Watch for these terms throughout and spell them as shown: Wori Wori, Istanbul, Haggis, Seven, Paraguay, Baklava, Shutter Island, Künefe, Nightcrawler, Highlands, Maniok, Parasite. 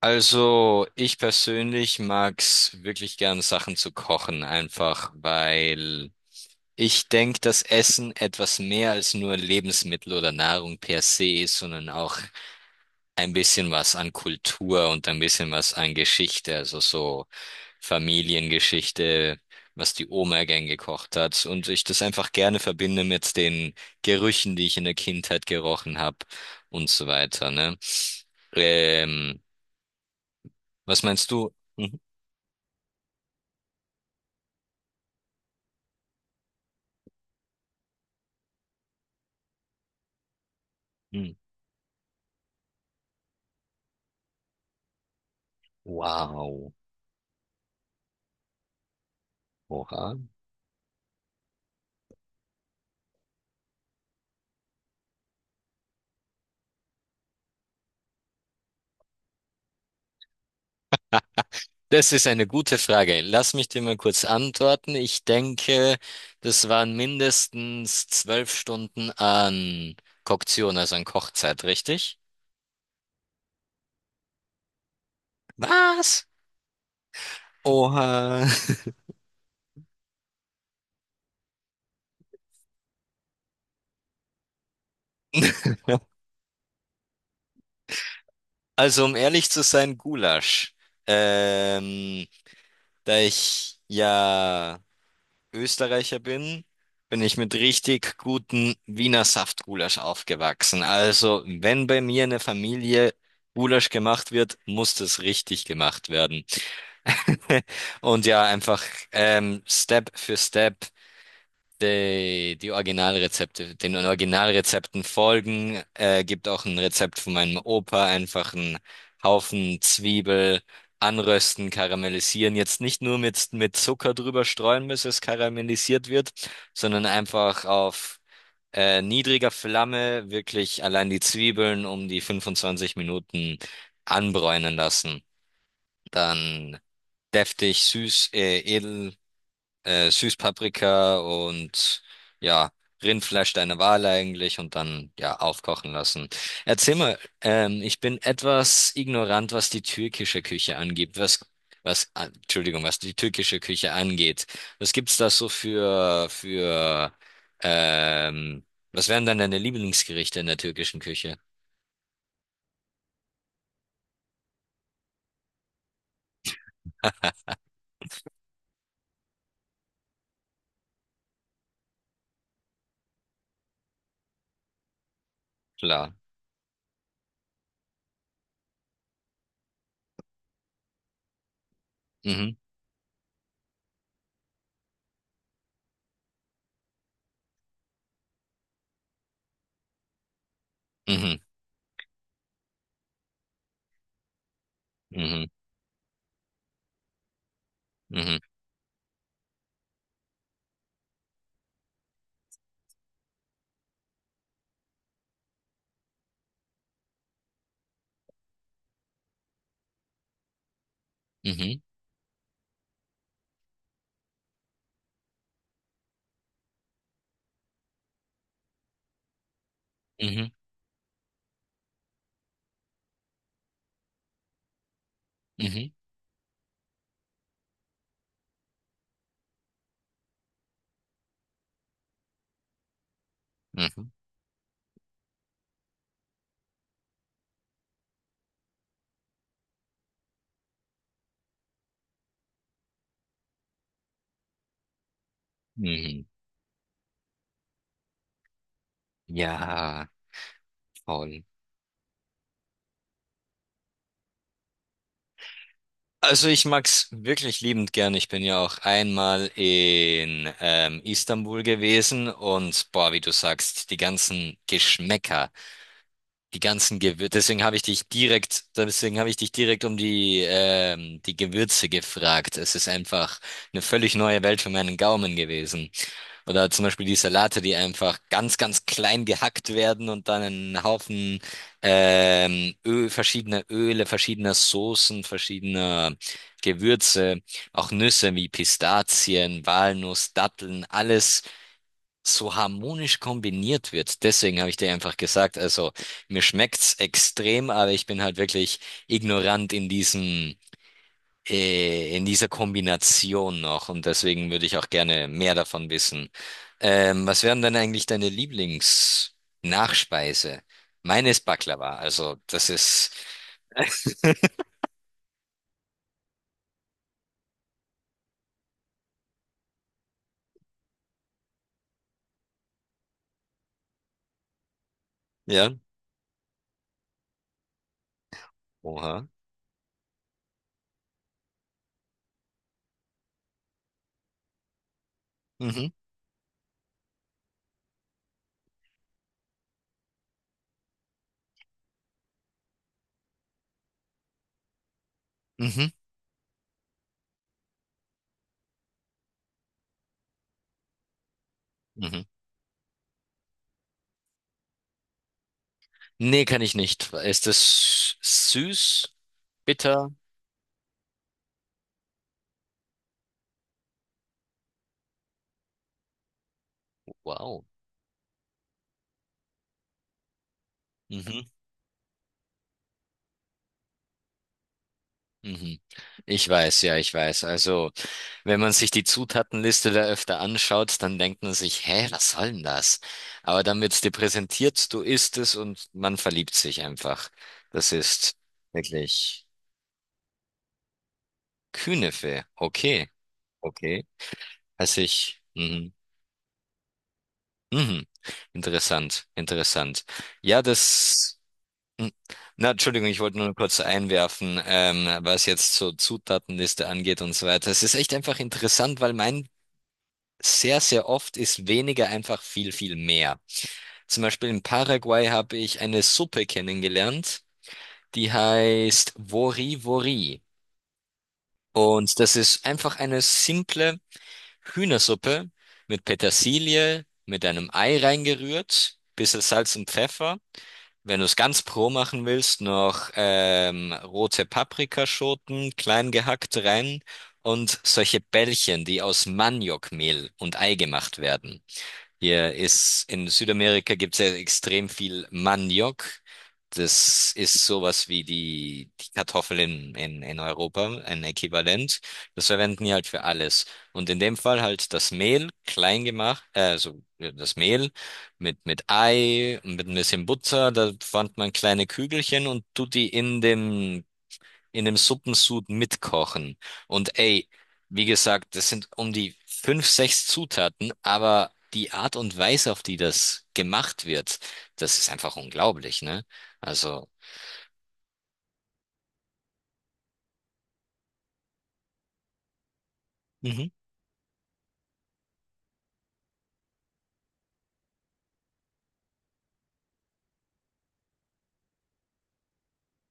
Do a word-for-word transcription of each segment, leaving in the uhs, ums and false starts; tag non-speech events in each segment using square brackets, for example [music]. Also, ich persönlich mag's wirklich gern, Sachen zu kochen, einfach weil ich denke, dass Essen etwas mehr als nur Lebensmittel oder Nahrung per se ist, sondern auch ein bisschen was an Kultur und ein bisschen was an Geschichte, also so Familiengeschichte, was die Oma gern gekocht hat und ich das einfach gerne verbinde mit den Gerüchen, die ich in der Kindheit gerochen habe und so weiter, ne? Ähm, Was meinst du? Mhm. Hm. Wow. Oha. Das ist eine gute Frage. Lass mich dir mal kurz antworten. Ich denke, das waren mindestens zwölf Stunden an Koktion, also an Kochzeit, richtig? Was? Oha. [laughs] Also, um ehrlich zu sein, Gulasch. Ähm, Da ich ja Österreicher bin, bin ich mit richtig guten Wiener Saftgulasch aufgewachsen. Also, wenn bei mir in der Familie Gulasch gemacht wird, muss das richtig gemacht werden. [laughs] Und ja, einfach ähm, Step für Step. Die, die Originalrezepte, den Originalrezepten folgen, äh, gibt auch ein Rezept von meinem Opa, einfach einen Haufen Zwiebel anrösten, karamellisieren. Jetzt nicht nur mit, mit Zucker drüber streuen, bis es karamellisiert wird, sondern einfach auf äh, niedriger Flamme wirklich allein die Zwiebeln um die fünfundzwanzig Minuten anbräunen lassen. Dann deftig, süß, äh, edel äh, Süßpaprika und ja, Rindfleisch deiner Wahl eigentlich und dann ja aufkochen lassen. Erzähl mal, ähm, ich bin etwas ignorant, was die türkische Küche angeht, was was ah, Entschuldigung, was die türkische Küche angeht. Was gibt's da so für für ähm, was wären dann deine Lieblingsgerichte in der türkischen Küche? Klar. Mhm. Mhm. Mhm. Mhm. Mhm. Mhm. Mhm. Mhm. Mhm. Mhm. Ja, voll. Also ich mag's wirklich liebend gern. Ich bin ja auch einmal in ähm, Istanbul gewesen und boah, wie du sagst, die ganzen Geschmäcker, die ganzen Gewürze. Deswegen habe ich dich direkt, deswegen habe ich dich direkt um die ähm, die Gewürze gefragt. Es ist einfach eine völlig neue Welt für meinen Gaumen gewesen. Oder zum Beispiel die Salate, die einfach ganz, ganz klein gehackt werden und dann einen Haufen ähm, Öl, verschiedener Öle, verschiedener Soßen, verschiedener Gewürze, auch Nüsse wie Pistazien, Walnuss, Datteln, alles so harmonisch kombiniert wird. Deswegen habe ich dir einfach gesagt, also mir schmeckt's extrem, aber ich bin halt wirklich ignorant in diesem äh, in dieser Kombination noch. Und deswegen würde ich auch gerne mehr davon wissen. Ähm, was wären denn eigentlich deine Lieblingsnachspeise? Meine ist Baklava. Also das ist, ja, oha. Mhm, mhm, mhm. Nee, kann ich nicht. Ist das süß, bitter? Wow. Mhm, mhm. Ich weiß, ja, ich weiß. Also, wenn man sich die Zutatenliste da öfter anschaut, dann denkt man sich, hä, was soll denn das? Aber dann wird's dir präsentiert, du isst es und man verliebt sich einfach. Das ist wirklich Künefe. Okay, okay. Also ich, mhm, mhm. Interessant, interessant. Ja, das, mhm. Na, Entschuldigung, ich wollte nur kurz einwerfen, ähm, was jetzt so Zutatenliste angeht und so weiter. Es ist echt einfach interessant, weil mein sehr, sehr oft ist weniger einfach viel, viel mehr. Zum Beispiel in Paraguay habe ich eine Suppe kennengelernt, die heißt Wori Wori. Und das ist einfach eine simple Hühnersuppe mit Petersilie, mit einem Ei reingerührt, bisschen Salz und Pfeffer. Wenn du es ganz pro machen willst, noch ähm, rote Paprikaschoten klein gehackt rein und solche Bällchen, die aus Maniokmehl und Ei gemacht werden. Hier ist in Südamerika gibt es ja extrem viel Maniok. Das ist sowas wie die, die Kartoffel in, in, in Europa, ein Äquivalent. Das verwenden die halt für alles. Und in dem Fall halt das Mehl klein gemacht, äh, also ja, das Mehl mit, mit Ei und mit ein bisschen Butter. Da formt man kleine Kügelchen und tut die in dem in dem Suppensud mitkochen. Und ey, wie gesagt, das sind um die fünf, sechs Zutaten, aber die Art und Weise, auf die das gemacht wird, das ist einfach unglaublich, ne? Also, mhm.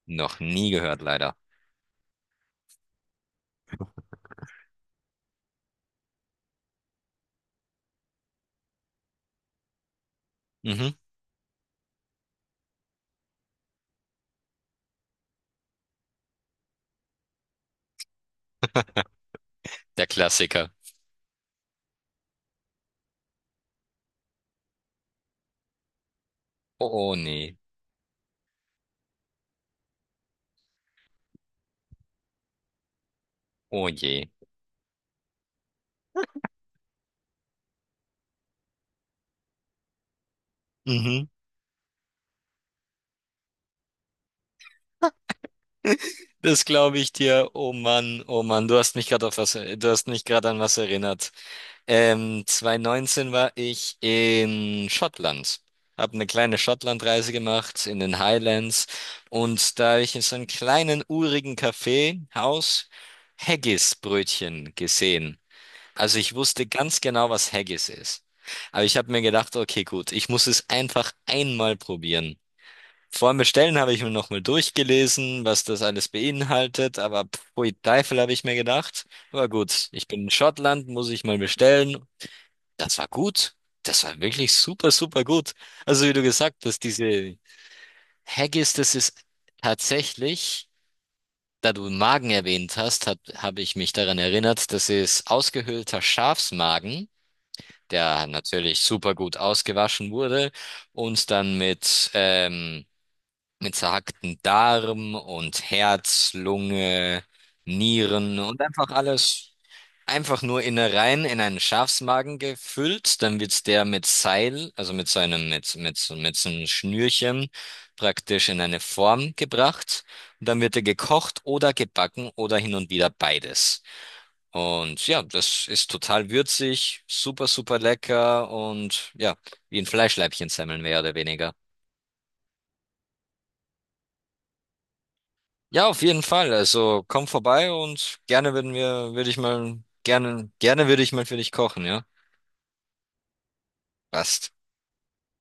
Noch nie gehört, leider. Mhm. Der Klassiker. Oh, oh nee. Oh je. Mhm. Das glaube ich dir. Oh Mann, oh Mann, du hast mich gerade auf was, du hast mich gerade an was erinnert. Ähm, zweitausendneunzehn war ich in Schottland. Habe eine kleine Schottlandreise gemacht in den Highlands und da habe ich in so einem kleinen urigen Kaffeehaus Haggis-Brötchen gesehen. Also ich wusste ganz genau, was Haggis ist. Aber ich habe mir gedacht, okay, gut, ich muss es einfach einmal probieren. Vor dem Bestellen habe ich mir nochmal durchgelesen, was das alles beinhaltet, aber pfui Teufel habe ich mir gedacht. Aber gut, ich bin in Schottland, muss ich mal bestellen, das war gut. Das war wirklich super, super gut. Also wie du gesagt hast, diese Haggis, das ist tatsächlich, da du Magen erwähnt hast, habe hab- habe ich mich daran erinnert, das ist ausgehöhlter Schafsmagen, der natürlich super gut ausgewaschen wurde und dann mit, ähm, mit zerhackten Darm und Herz, Lunge, Nieren und einfach alles einfach nur Innereien in einen Schafsmagen gefüllt, dann wird der mit Seil, also mit so einem, mit, mit, so- mit so einem Schnürchen praktisch in eine Form gebracht und dann wird er gekocht oder gebacken oder hin und wieder beides. Und ja, das ist total würzig, super, super lecker und ja, wie ein Fleischleibchen-Semmeln mehr oder weniger. Ja, auf jeden Fall. Also komm vorbei und gerne würden wir, würde ich mal, gerne, gerne würde ich mal für dich kochen, ja? Passt.